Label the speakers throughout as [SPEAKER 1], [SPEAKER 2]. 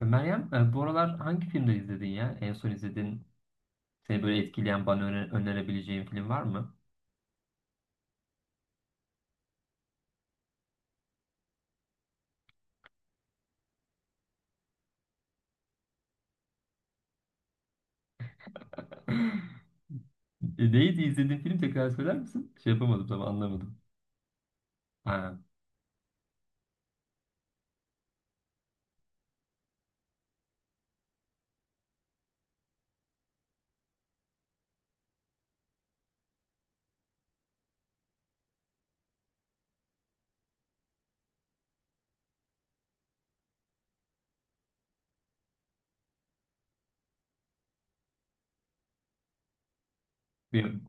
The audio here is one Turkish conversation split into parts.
[SPEAKER 1] Meryem, bu aralar hangi filmleri izledin ya? En son izledin seni böyle etkileyen, bana önerebileceğin film var mı? Neydi izlediğin film tekrar söyler misin? Şey yapamadım tam anlamadım. Ha, bir-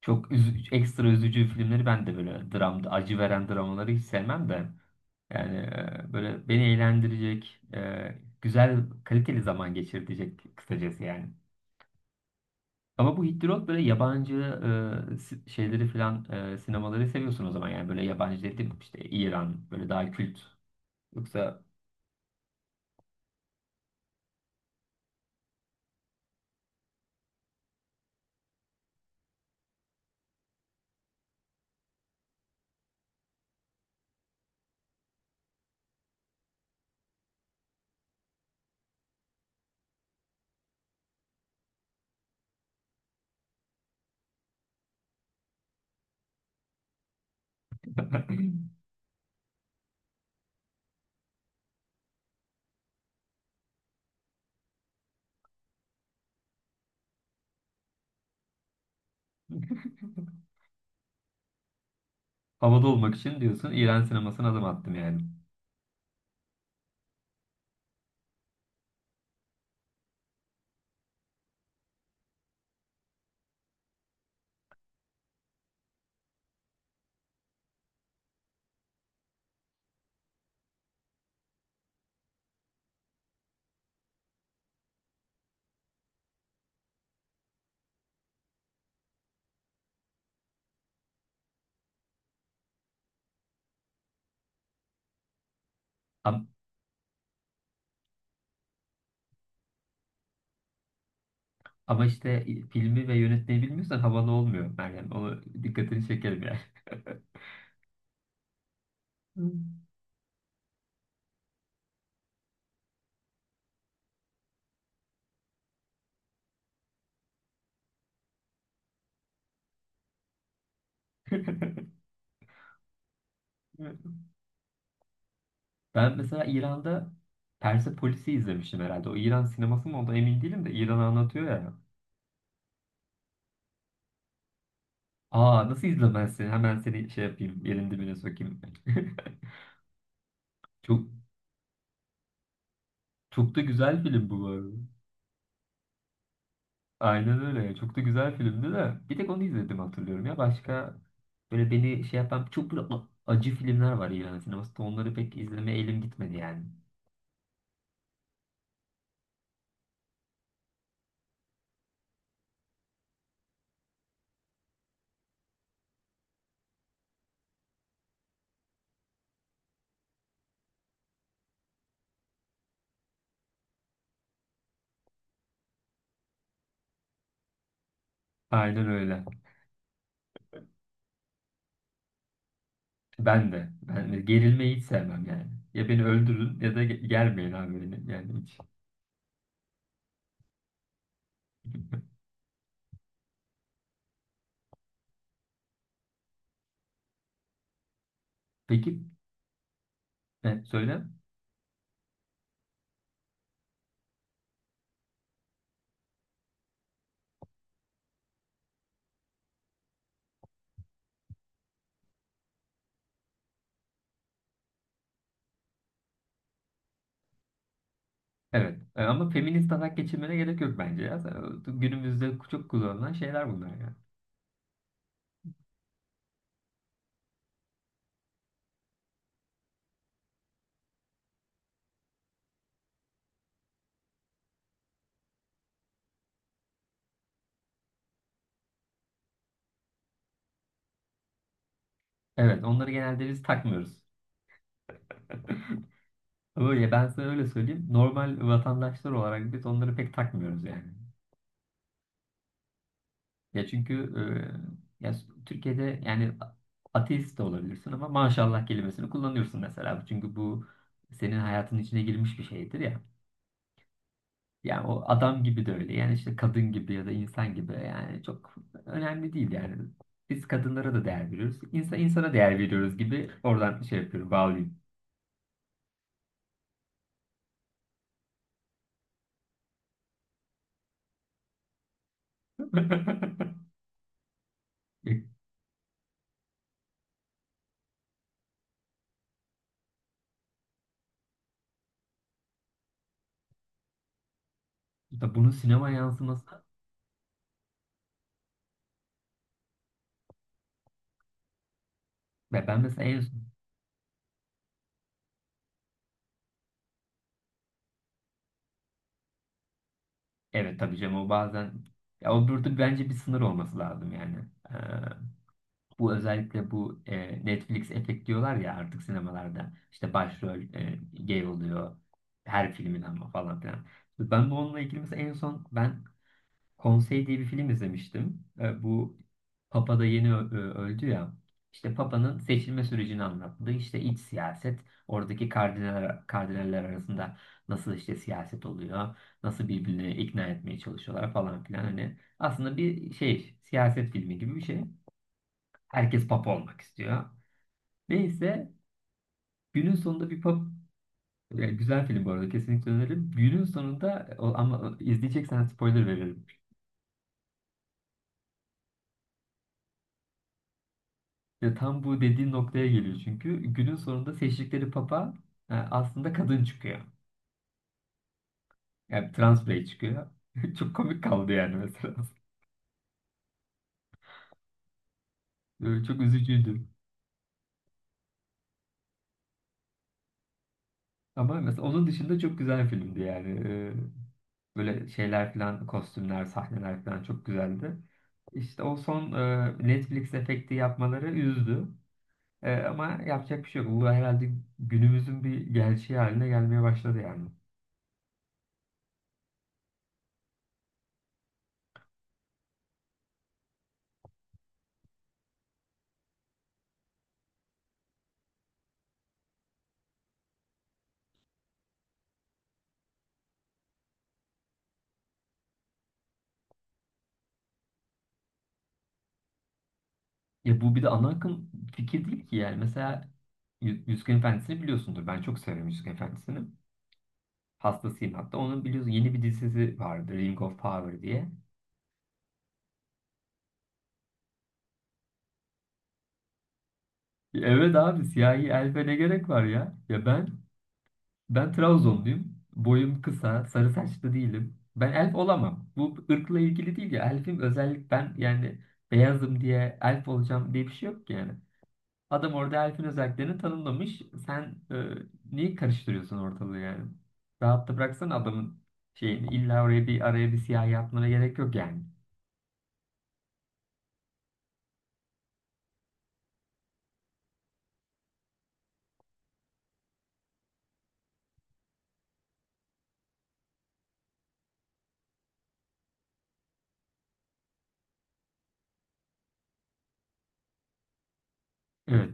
[SPEAKER 1] ekstra üzücü filmleri ben de böyle dramda, acı veren dramaları hiç sevmem de. Yani böyle beni eğlendirecek, güzel, kaliteli zaman geçirecek kısacası yani. Ama bu Hit the Road böyle yabancı şeyleri falan sinemaları seviyorsun o zaman yani böyle yabancı dedim işte İran böyle daha kült, yoksa? Havada olmak için diyorsun İran sinemasına adım attım yani. Am- Ama işte filmi ve yönetmeyi bilmiyorsan havalı olmuyor Meryem. Onu dikkatini çekerim yani. Ben mesela İran'da Persepolis'i izlemiştim herhalde. O İran sineması mı o da emin değilim de İran'ı anlatıyor ya. Aa, nasıl izlemezsin? Hemen seni şey yapayım. Yerin dibine sokayım. Çok, çok da güzel film bu bu arada. Aynen öyle. Çok da güzel filmdi de. Bir tek onu izledim hatırlıyorum ya. Başka böyle beni şey yapan çok böyle acı filmler var İran sinemasında. Onları pek izlemeye elim gitmedi yani. Aynen öyle. Ben de. Ben de gerilmeyi hiç sevmem yani. Ya beni öldürün ya da germeyin abi beni. Yani hiç. Peki. Ne? Söyle. Evet. Ama feminist atak geçirmene gerek yok bence ya. Günümüzde çok kullanılan şeyler bunlar yani. Evet, onları genelde biz takmıyoruz. Öyle ben sana öyle söyleyeyim. Normal vatandaşlar olarak biz onları pek takmıyoruz yani. Ya çünkü Türkiye'de yani ateist de olabilirsin ama maşallah kelimesini kullanıyorsun mesela. Çünkü bu senin hayatın içine girmiş bir şeydir ya. Yani o adam gibi de öyle. Yani işte kadın gibi ya da insan gibi. Yani çok önemli değil yani. Biz kadınlara da değer veriyoruz. İnsan insana değer veriyoruz gibi oradan şey yapıyorum, bağlayayım. E, da bunun sinema yansıması ve ben mesela evet tabii canım o bazen ya o burada bence bir sınır olması lazım yani. Ee, bu özellikle bu Netflix efekt diyorlar ya artık sinemalarda işte başrol gay oluyor her filmin ama falan filan. Ben bununla ilgili mesela en son ben Konsey diye bir film izlemiştim. Bu Papa da yeni öldü ya. İşte Papa'nın seçilme sürecini anlattı. İşte iç siyaset, oradaki kardinaller, kardinaller arasında nasıl işte siyaset oluyor, nasıl birbirini ikna etmeye çalışıyorlar falan filan. Hani aslında bir şey, siyaset filmi gibi bir şey. Herkes Papa olmak istiyor. Neyse, günün sonunda bir Papa, güzel film bu arada kesinlikle öneririm. Günün sonunda ama izleyeceksen spoiler veririm. Ya tam bu dediğin noktaya geliyor çünkü günün sonunda seçtikleri papa aslında kadın çıkıyor. Yani trans birey çıkıyor. Çok komik kaldı yani mesela. Çok üzücüydü. Ama mesela onun dışında çok güzel filmdi yani. Böyle şeyler falan, kostümler, sahneler falan çok güzeldi. İşte o son Netflix efekti yapmaları üzdü. Ama yapacak bir şey yok. Bu herhalde günümüzün bir gerçeği haline gelmeye başladı yani. Ya bu bir de ana akım fikir değil ki yani. Mesela Yüzüklerin Efendisi'ni biliyorsundur. Ben çok severim Yüzüklerin Efendisi'ni. Hastasıyım hatta. Onun biliyorsun yeni bir dizisi vardı. Ring of Power diye. Evet abi siyahi elfe ne gerek var ya? Ya ben Trabzonluyum. Boyum kısa, sarı saçlı değilim. Ben elf olamam. Bu ırkla ilgili değil ya. Elfim özellik ben yani beyazım diye elf olacağım diye bir şey yok ki yani. Adam orada elfin özelliklerini tanımlamış. Sen niye karıştırıyorsun ortalığı yani? Rahatta bıraksana adamın şeyini. İlla oraya bir araya bir siyah yapmana gerek yok yani. Evet.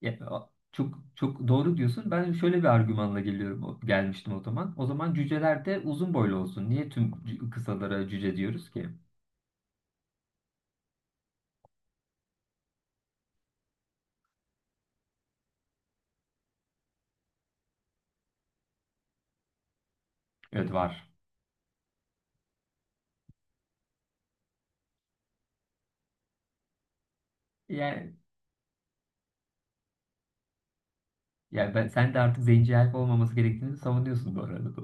[SPEAKER 1] Ya, çok çok doğru diyorsun. Ben şöyle bir argümanla geliyorum gelmiştim o zaman. O zaman cüceler de uzun boylu olsun. Niye tüm kısalara cüce diyoruz ki? Evet var. Yani, yani, ben, sen de artık zenci elf olmaması gerektiğini savunuyorsun bu arada.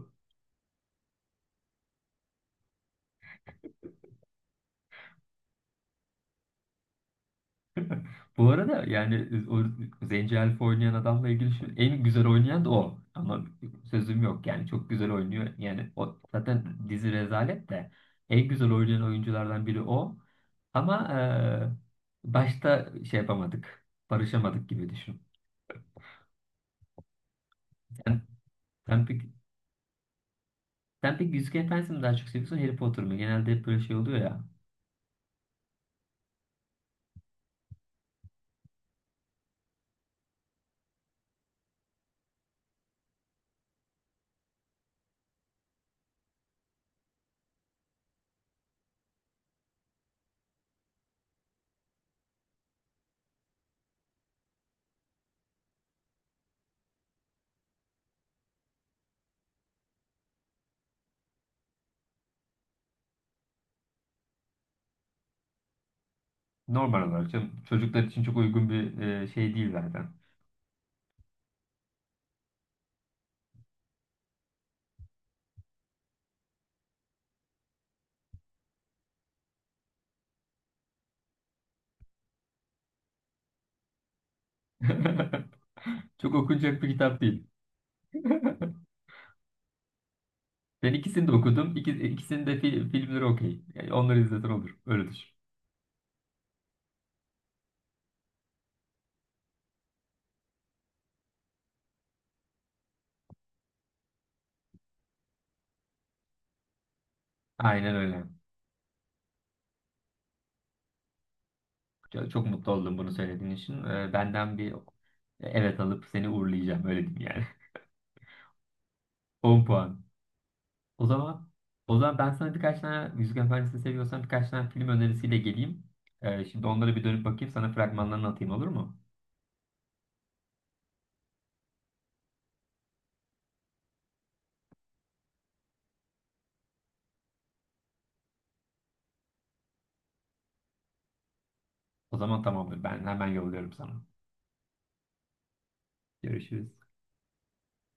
[SPEAKER 1] Bu arada yani o Zenci Elf'i oynayan adamla ilgili şu, en güzel oynayan da o. Ama sözüm yok yani çok güzel oynuyor. Yani o zaten dizi rezalet de en güzel oynayan oyunculardan biri o. Ama başta şey yapamadık. Barışamadık gibi düşün. Sen, sen pek, sen pek Yüzüklerin Efendisi'ni mi daha çok seviyorsun, Harry Potter mı? Genelde hep böyle şey oluyor ya. Normal olarak canım, çocuklar için çok uygun bir şey değil zaten. Çok okunacak bir kitap değil. Ben ikisini de okudum. İki, ikisini de filmleri okey. Yani onları izleten olur. Öyle düşün. Aynen öyle. Çok, çok mutlu oldum bunu söylediğin için. Benden bir evet alıp seni uğurlayacağım. Öyle diyeyim yani. 10 puan. O zaman o zaman ben sana birkaç tane Yüzük Efendisi seviyorsan birkaç tane film önerisiyle geleyim. Şimdi onlara bir dönüp bakayım. Sana fragmanlarını atayım, olur mu? O zaman tamamdır. Ben hemen yolluyorum sana. Görüşürüz.